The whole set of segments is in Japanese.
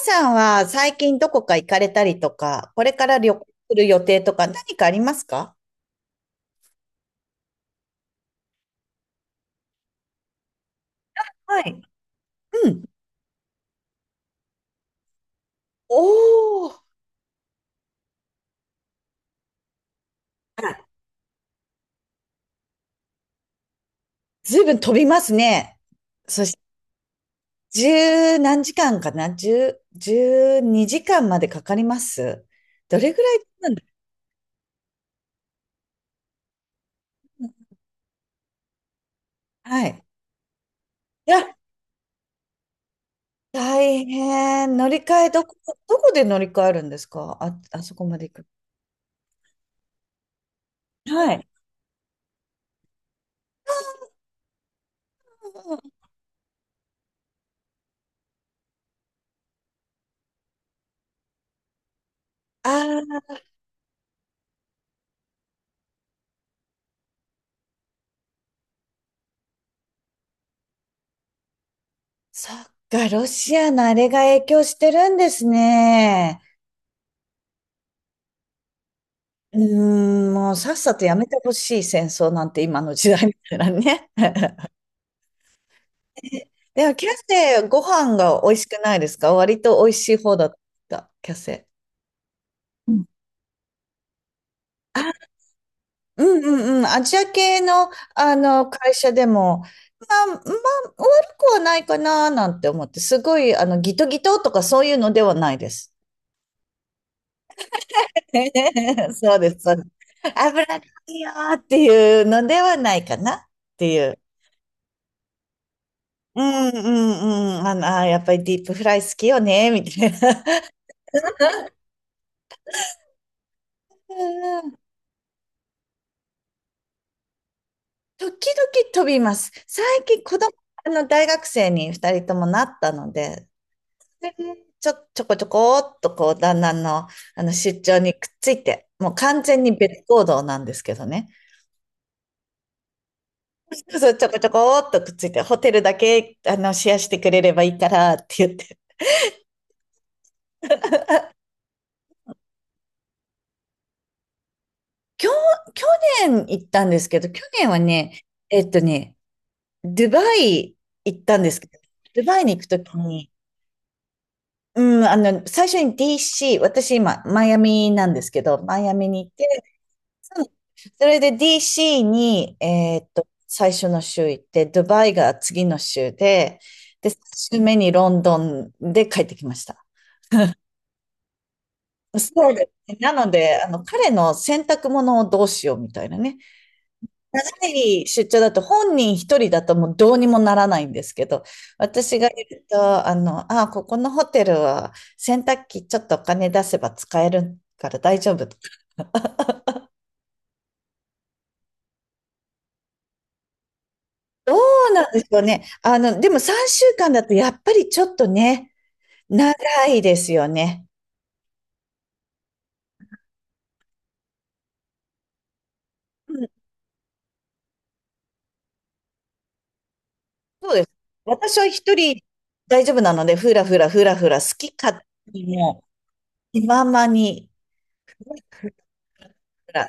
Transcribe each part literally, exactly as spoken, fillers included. さんは最近どこか行かれたりとか、これから旅行する予定とか何かありますか？はい。うん。おー、あら、ずいぶん飛びますね。そして、十何時間かな、十、十二時間までかかります。どれぐらいなんだ。はい。いや、大変。乗り換え、どこ、どこで乗り換えるんですか、あ、あそこまで行く。はい。ああー、そっか、ロシアのあれが影響してるんですね。うーん、もうさっさとやめてほしい、戦争なんて今の時代みたいなね。でも、キャセイ、ご飯が美味しくないですか、割と美味しい方だった、キャセイ。うん、あ、うんうんうん。アジア系の、あの会社でも、まあ、まあ、悪くはないかななんて思って、すごい、あの、ギトギトとかそういうのではないです。そうです、そうです。油がいいよっていうのではないかなっていう。うんうんうん。あの、あー、やっぱりディープフライ好きよね、みたいな。うんうん。時々飛びます。最近子供、あの、大学生に二人ともなったので、で、ちょ、ちょこちょこっとこう、旦那の、あの、出張にくっついて、もう完全に別行動なんですけどね。そうそう、ちょこちょこっとくっついて、ホテルだけ、あの、シェアしてくれればいいからって言って。去、去年行ったんですけど、去年はね、えっとね、ドバイ行ったんですけど、ドバイに行くときに、うん、あの、最初に ディーシー、私今、マイアミなんですけど、マイアミに行って、そ、それで ディーシー に、えーっと、最初の週行って、ドバイが次の週で、で、さん週目にロンドンで帰ってきました。そうですね。なので、あの、彼の洗濯物をどうしようみたいなね。長い出張だと本人一人だともうどうにもならないんですけど、私がいると、あの、あ、ここのホテルは洗濯機ちょっとお金出せば使えるから大丈夫。どうなんでしょうね。あの、でもさんしゅうかんだとやっぱりちょっとね、長いですよね。うん、そうです。私は一人大丈夫なので、ふらふらふらふら、好き勝手に、もう気ままに、ふらふら。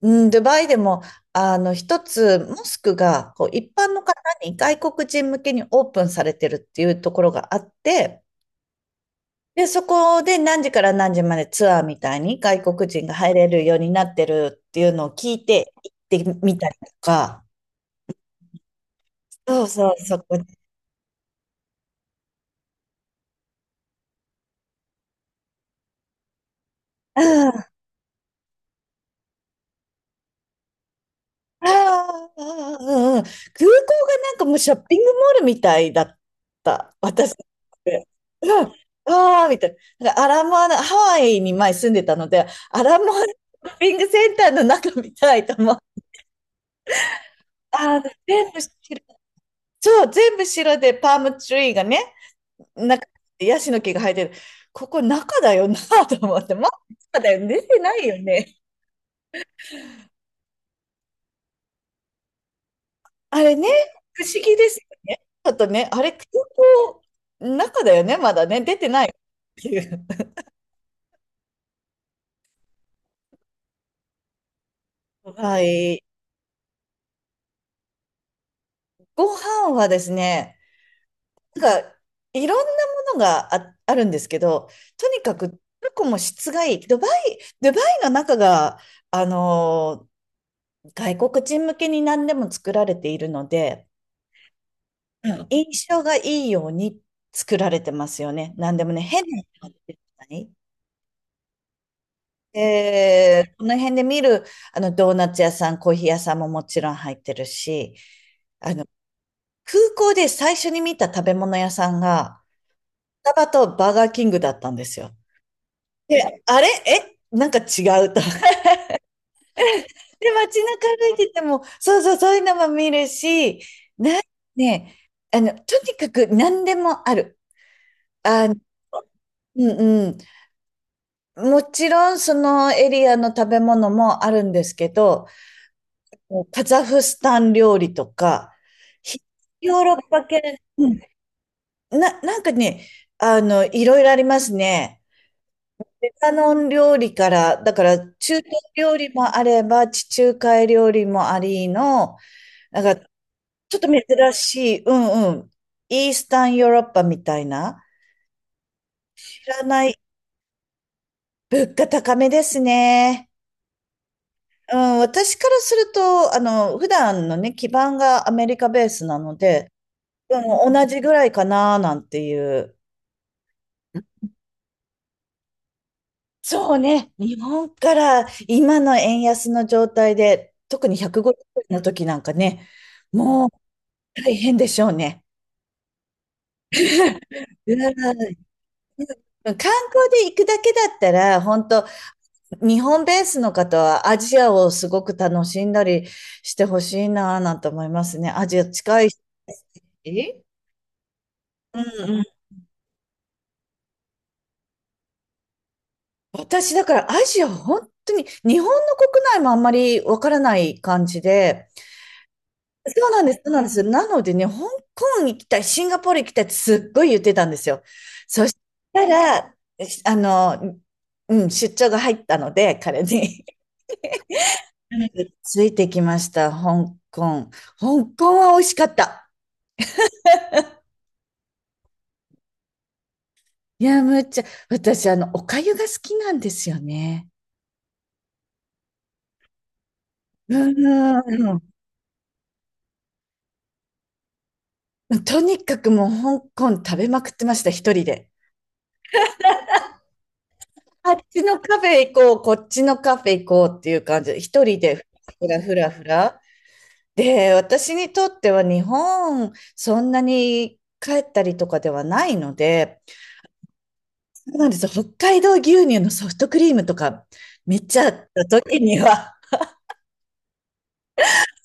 うん、ドバイでも、あの、一つ、モスクが、こう、一般の方に、外国人向けにオープンされてるっていうところがあって、で、そこで何時から何時までツアーみたいに外国人が入れるようになってるっていうのを聞いて行ってみたりとか、そうそう、そこで。ああ、うんうん、空港がなんかもうショッピングモールみたいだった、私にとって。うん、ああ、みたいな。なんかアラモアナ、ハワイに前住んでたので、アラモアナショッピングセンターの中みたいと思う。ああ、全部白。そう、全部白でパームツリーがね、中でヤシの木が生えてる。ここ中だよなと思って、まあ、中だよね、出てないよね。あれね、不思議ですよね。ちょっとね、あれ、空港の中だよね、まだね、出てないっていう。はい。ご飯はですね、なんか、いろんなものがあ、あるんですけど、とにかく、トルコも質がいい。ドバイ、ドバイの中が、あのー、外国人向けに何でも作られているので、うん。印象がいいように作られてますよね。何でもね、変なのが出てこない。えー、この辺で見る、あの、ドーナツ屋さん、コーヒー屋さんももちろん入ってるし、あの、空港で最初に見た食べ物屋さんが、スタバとバーガーキングだったんですよ。で、あれえ、なんか違うと。で、街中歩いてても、そうそう、そういうのも見るし、な、ね、あの、とにかく何でもある。あ、うんうん。もちろん、そのエリアの食べ物もあるんですけど、もうカザフスタン料理とか、ひ、ヨーロッパ系、うん、な、なんかね、あの、いろいろありますね。レバノン料理から、だから中東料理もあれば、地中海料理もありの、なんかちょっと珍しい、うんうん、イースタンヨーロッパみたいな、知らない、物価高めですね。うん、私からすると、あの、普段のね、基盤がアメリカベースなので、うん、同じぐらいかななんていう。そうね。日本から今の円安の状態で、特にひゃくごじゅうえんの時なんかね、もう大変でしょうね。うわ、観光で行くだけだったら、本当、日本ベースの方はアジアをすごく楽しんだりしてほしいなぁなんて思いますね。アジア近いし。うんうん。私だからアジア、本当に日本の国内もあんまりわからない感じで、そうなんです、そうなんです。なのでね、香港行きたい、シンガポール行きたいってすっごい言ってたんですよ。そしたら、し、あの、うん、出張が入ったので、彼に。なのでついてきました、香港。香港は美味しかった。いや、むっちゃ、私、あの、お粥が好きなんですよね。うん。とにかくもう香港食べまくってました、一人で。あっちのカフェ行こう、こっちのカフェ行こうっていう感じで、一人でふらふらふらふら。で、私にとっては日本、そんなに帰ったりとかではないので、そうなんですよ。北海道牛乳のソフトクリームとか、めっちゃあった時には、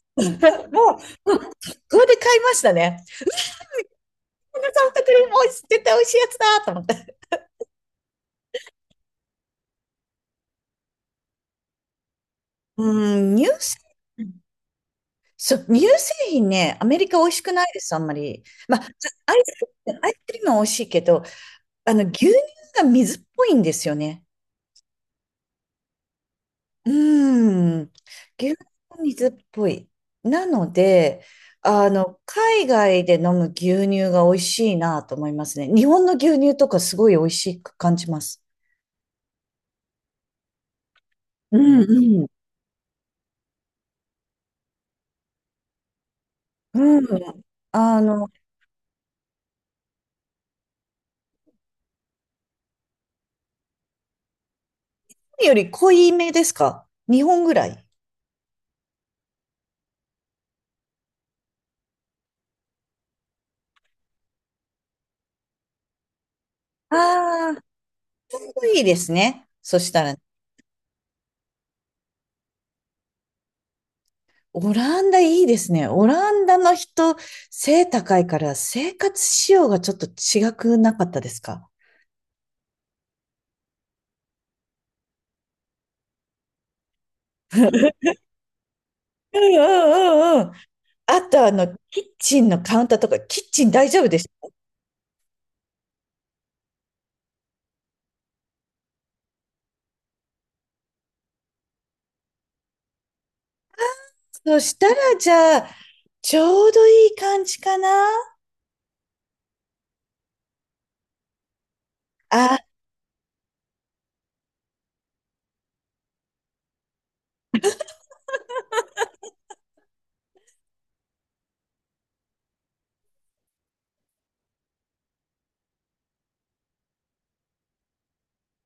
もう、もうここで買いましたね。ソフトクリーム美味しい、絶対美味しいやつだと思って。うん、乳製品、そう、乳製品ね、アメリカ美味しくないです、あんまり。まあ、アイス、アイスクリームは美味しいけど、あの、牛乳が水っぽいんですよね。うーん、牛乳水っぽい。なので、あの、海外で飲む牛乳が美味しいなと思いますね。日本の牛乳とかすごい美味しく感じます。うんうん。うん。あの、より濃いめですか、日本ぐらい。ああ、濃いですね。そしたら、オランダいいですね。オランダの人、背高いから生活仕様がちょっと違くなかったですか？うんうんうんうん。あと、あの、キッチンのカウンターとか、キッチン大丈夫でしょ、そしたら、じゃあ、ちょうどいい感じかな、あ